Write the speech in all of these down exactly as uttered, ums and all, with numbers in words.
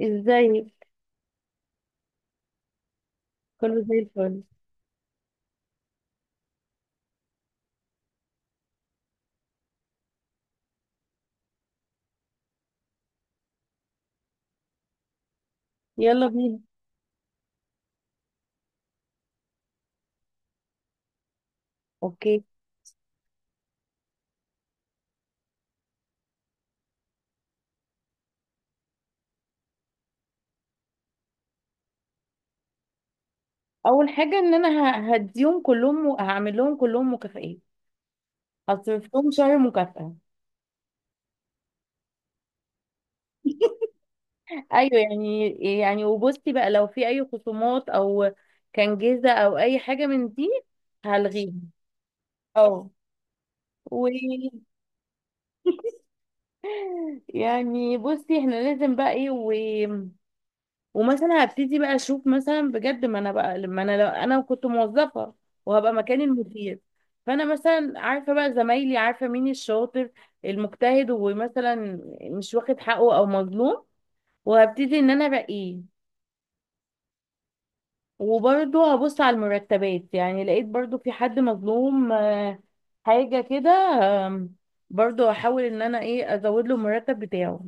ازاي؟ كله زي الفل. يلا بينا. اوكي. اول حاجه ان انا ه- هديهم كلهم و- هعمل لهم كلهم مكافئين. هصرف لهم شهر مكافأة. ايوه يعني. يعني وبصي بقى لو في اي خصومات او كان جيزه او اي حاجه من دي هلغيها. اه. و يعني بصي احنا لازم بقى ايه. ومثلا هبتدي بقى اشوف مثلا بجد ما انا بقى لما انا لو انا كنت موظفه وهبقى مكان المدير. فانا مثلا عارفه بقى زمايلي، عارفه مين الشاطر المجتهد ومثلا مش واخد حقه او مظلوم، وهبتدي ان انا ارقيه. وبرضه هبص على المرتبات، يعني لقيت برضه في حد مظلوم آه، حاجه كده. آم، برضه هحاول ان انا ايه ازود له المرتب بتاعه.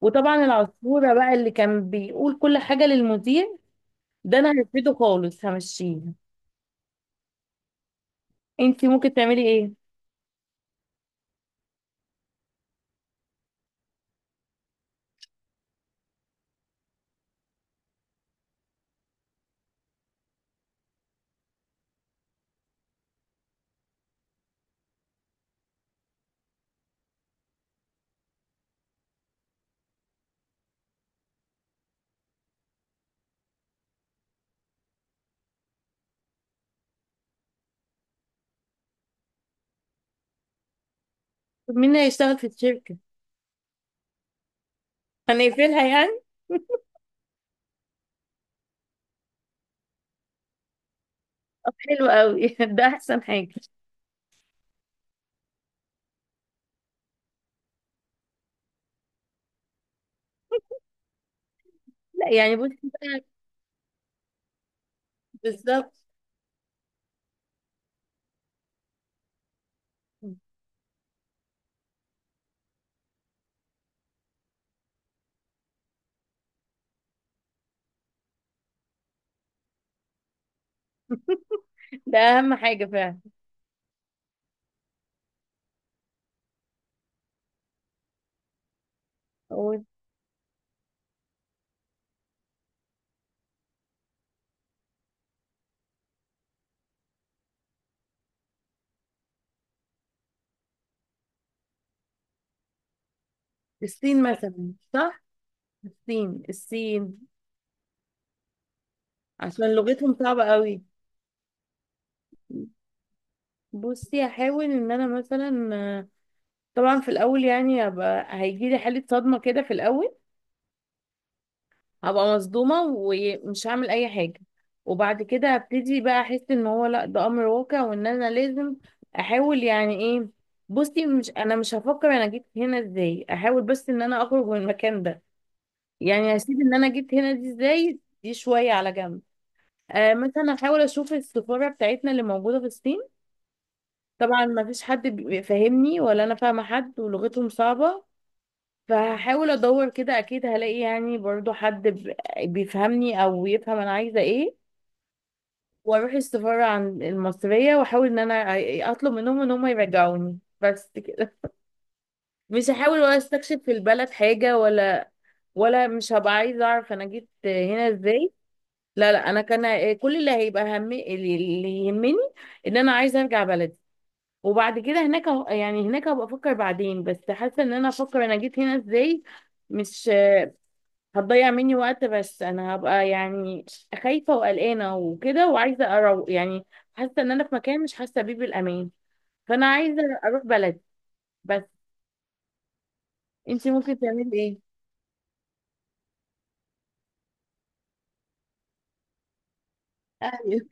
وطبعا العصفوره بقى اللي كان بيقول كل حاجه للمدير ده انا هرفضه خالص، همشيه. انتي ممكن تعملي ايه؟ طب مين هيشتغل في الشركه؟ هنقفلها يعني. طب حلو قوي. ده احسن حاجه. لا يعني بصي بقى. بالظبط. ده اهم حاجه فعلا. هو الصين مثلا صح؟ الصين الصين. عشان لغتهم صعبه قوي. بصي هحاول ان انا مثلا آه، طبعا في الاول يعني هبقى هيجي لي حاله صدمه كده في الاول. هبقى مصدومة ومش هعمل اي حاجة. وبعد كده هبتدي بقى احس ان هو لا ده امر واقع وان انا لازم احاول يعني ايه. بصي مش انا مش هفكر انا جيت هنا ازاي، احاول بس ان انا اخرج من المكان ده. يعني هسيب ان انا جيت هنا دي ازاي دي شوية على جنب. آه مثلا احاول اشوف السفارة بتاعتنا اللي موجودة في الصين. طبعا ما فيش حد بيفهمني ولا انا فاهمة حد ولغتهم صعبة. فهحاول ادور كده اكيد هلاقي يعني برضو حد ب- بيفهمني او يفهم انا عايزه ايه. واروح السفاره عن المصريه واحاول ان انا أ- اطلب منهم ان هم يرجعوني، بس كده. مش هحاول ولا استكشف في البلد حاجه ولا. ولا مش هبقى عايزه اعرف انا جيت هنا ازاي. لا لا، انا كان كل اللي هيبقى هم اللي اللي يهمني، ان انا عايزه ارجع بلدي. وبعد كده هناك أه- يعني هناك هبقى افكر بعدين، بس حاسه ان انا افكر انا جيت هنا ازاي مش هتضيع مني وقت. بس انا هبقى يعني خايفة وقلقانة وكده وعايزة اروق، يعني حاسة ان انا في مكان مش حاسة بيه بالامان، فانا عايزة اروح بلدي بس. انتي ممكن تعملي ايه؟ ايوه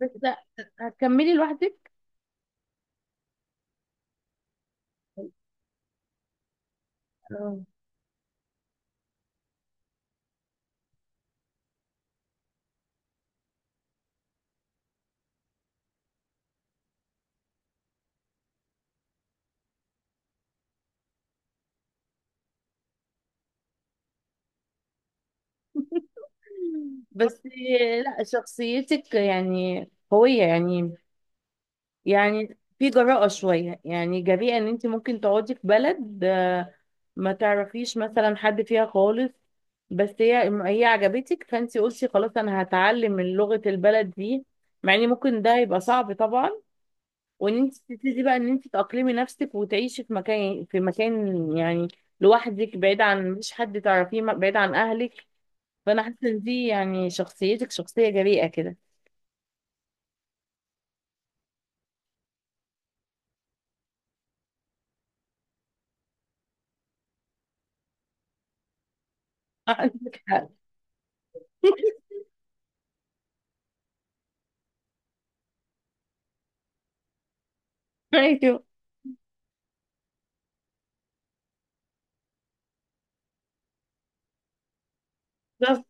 بس. لا، هتكملي لوحدك. آه. بس لا، شخصيتك يعني قوية يعني. يعني في جراءة شوية، يعني جريئة ان انت ممكن تقعدي في بلد ما تعرفيش مثلا حد فيها خالص، بس هي هي عجبتك فانت قلتي خلاص انا هتعلم من لغة البلد دي، مع ان ممكن ده يبقى صعب طبعا. وان انت تبتدي بقى ان انت تأقلمي نفسك وتعيشي في مكان في مكان يعني لوحدك بعيد عن مش حد تعرفيه، بعيد عن اهلك. فانا حاسه ان دي يعني شخصيتك شخصيه جريئه كده. عندك حق. ايوه بالظبط.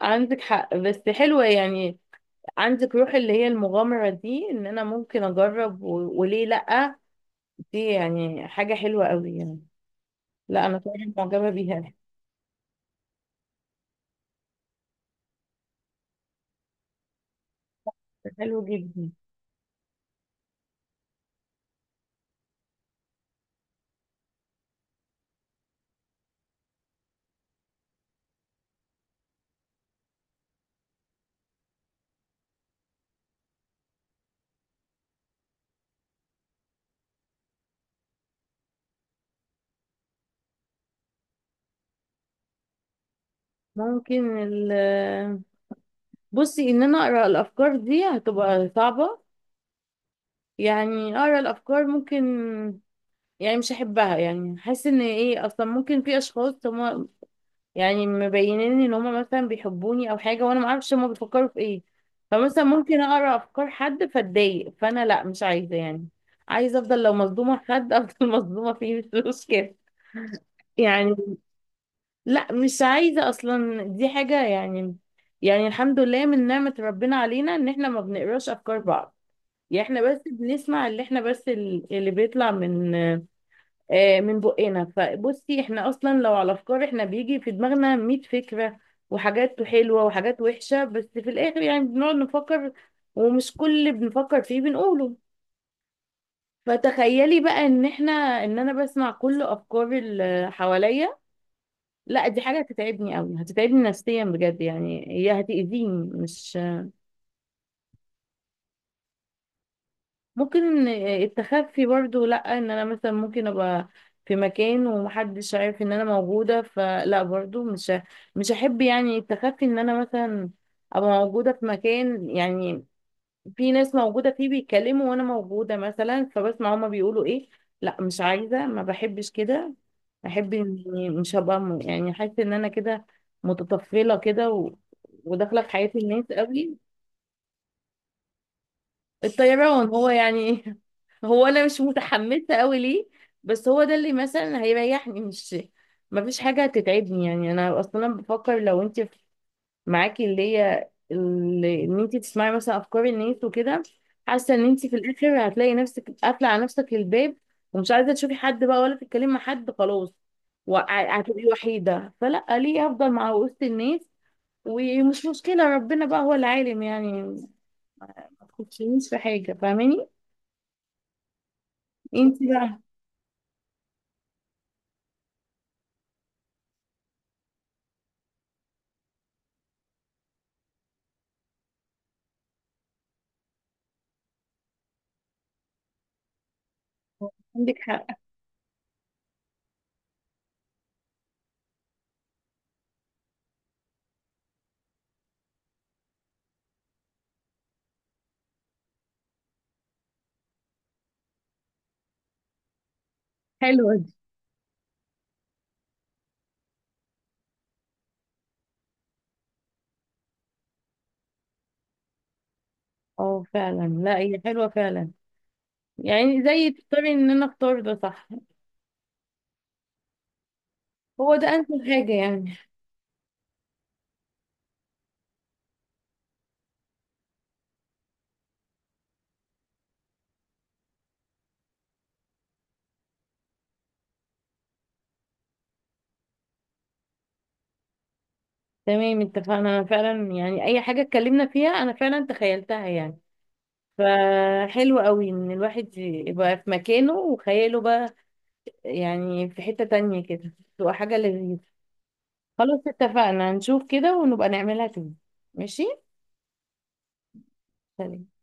عندك حق بس حلوه يعني. عندك روح اللي هي المغامرة دي ان انا ممكن اجرب و... وليه لأ. دي يعني حاجة حلوة قوي يعني. لا انا فعلا معجبة بيها. حلو جدا. ممكن ال... بصي ان انا اقرا الافكار دي هتبقى صعبة. يعني اقرا الافكار ممكن، يعني مش هحبها يعني. حاسة ان ايه اصلا ممكن في اشخاص هم يعني مبينين ان هما مثلا بيحبوني او حاجه وانا ما اعرفش هما بيفكروا في ايه. فمثلا ممكن اقرا افكار حد فاتضايق، فانا لا مش عايزه يعني. عايزه افضل لو مصدومه في حد افضل مصدومه فيه، مش مشكله يعني. لا مش عايزه اصلا، دي حاجه يعني. يعني الحمد لله من نعمه ربنا علينا ان احنا ما بنقراش افكار بعض. يعني احنا بس بنسمع اللي احنا بس ال- اللي بيطلع من آه، من بقنا. فبصي احنا اصلا لو على افكار، احنا بيجي في دماغنا مية فكرة وحاجات حلوة وحاجات وحشة، بس في الاخر يعني بنقعد نفكر ومش كل اللي بنفكر فيه بنقوله. فتخيلي بقى ان احنا ان انا بسمع كل افكار اللي حواليا، لا دي حاجة هتتعبني قوي، هتتعبني نفسيا بجد يعني، هي هتأذيني، مش ممكن. التخفي برضو، لا ان انا مثلا ممكن ابقى في مكان ومحدش عارف ان انا موجودة، فلا برضو مش ه- مش هحب يعني التخفي ان انا مثلا ابقى موجودة في مكان يعني في ناس موجودة فيه بيتكلموا وانا موجودة مثلا، فبسمع هما بيقولوا ايه. لا مش عايزة، ما بحبش كده. بحب اني مش هبقى م- يعني حاسة ان انا كده متطفلة كده و... وداخلة في حياة الناس قوي. الطيران هو يعني. هو انا مش متحمسه قوي ليه، بس هو ده اللي مثلا هيريحني. مش ما فيش حاجه هتتعبني يعني. انا اصلا بفكر لو انت معاكي اللي هي اللي ان انت تسمعي مثلا افكار الناس وكده، حاسه ان انت في الاخر هتلاقي نفسك قافله على نفسك الباب ومش عايزه تشوفي حد بقى ولا تتكلمي مع حد خلاص وع- هتبقي وحيده. فلا، ليه؟ افضل مع وسط الناس ومش مشكله، ربنا بقى هو العالم يعني. مش في حاجه فاهماني. انتي بقى. عندك حق، حلوة دي. اه فعلا. لا، هي حلوة فعلا يعني، زي تختاري ان انا اختار ده صح. هو ده انسب حاجة يعني. تمام اتفقنا، انا فعلا يعني اي حاجة اتكلمنا فيها انا فعلا تخيلتها يعني، فحلو قوي ان الواحد يبقى في مكانه وخياله بقى يعني في حتة تانية كده، تبقى حاجة لذيذة. خلاص اتفقنا، نشوف كده ونبقى نعملها تاني. ماشي. سلام.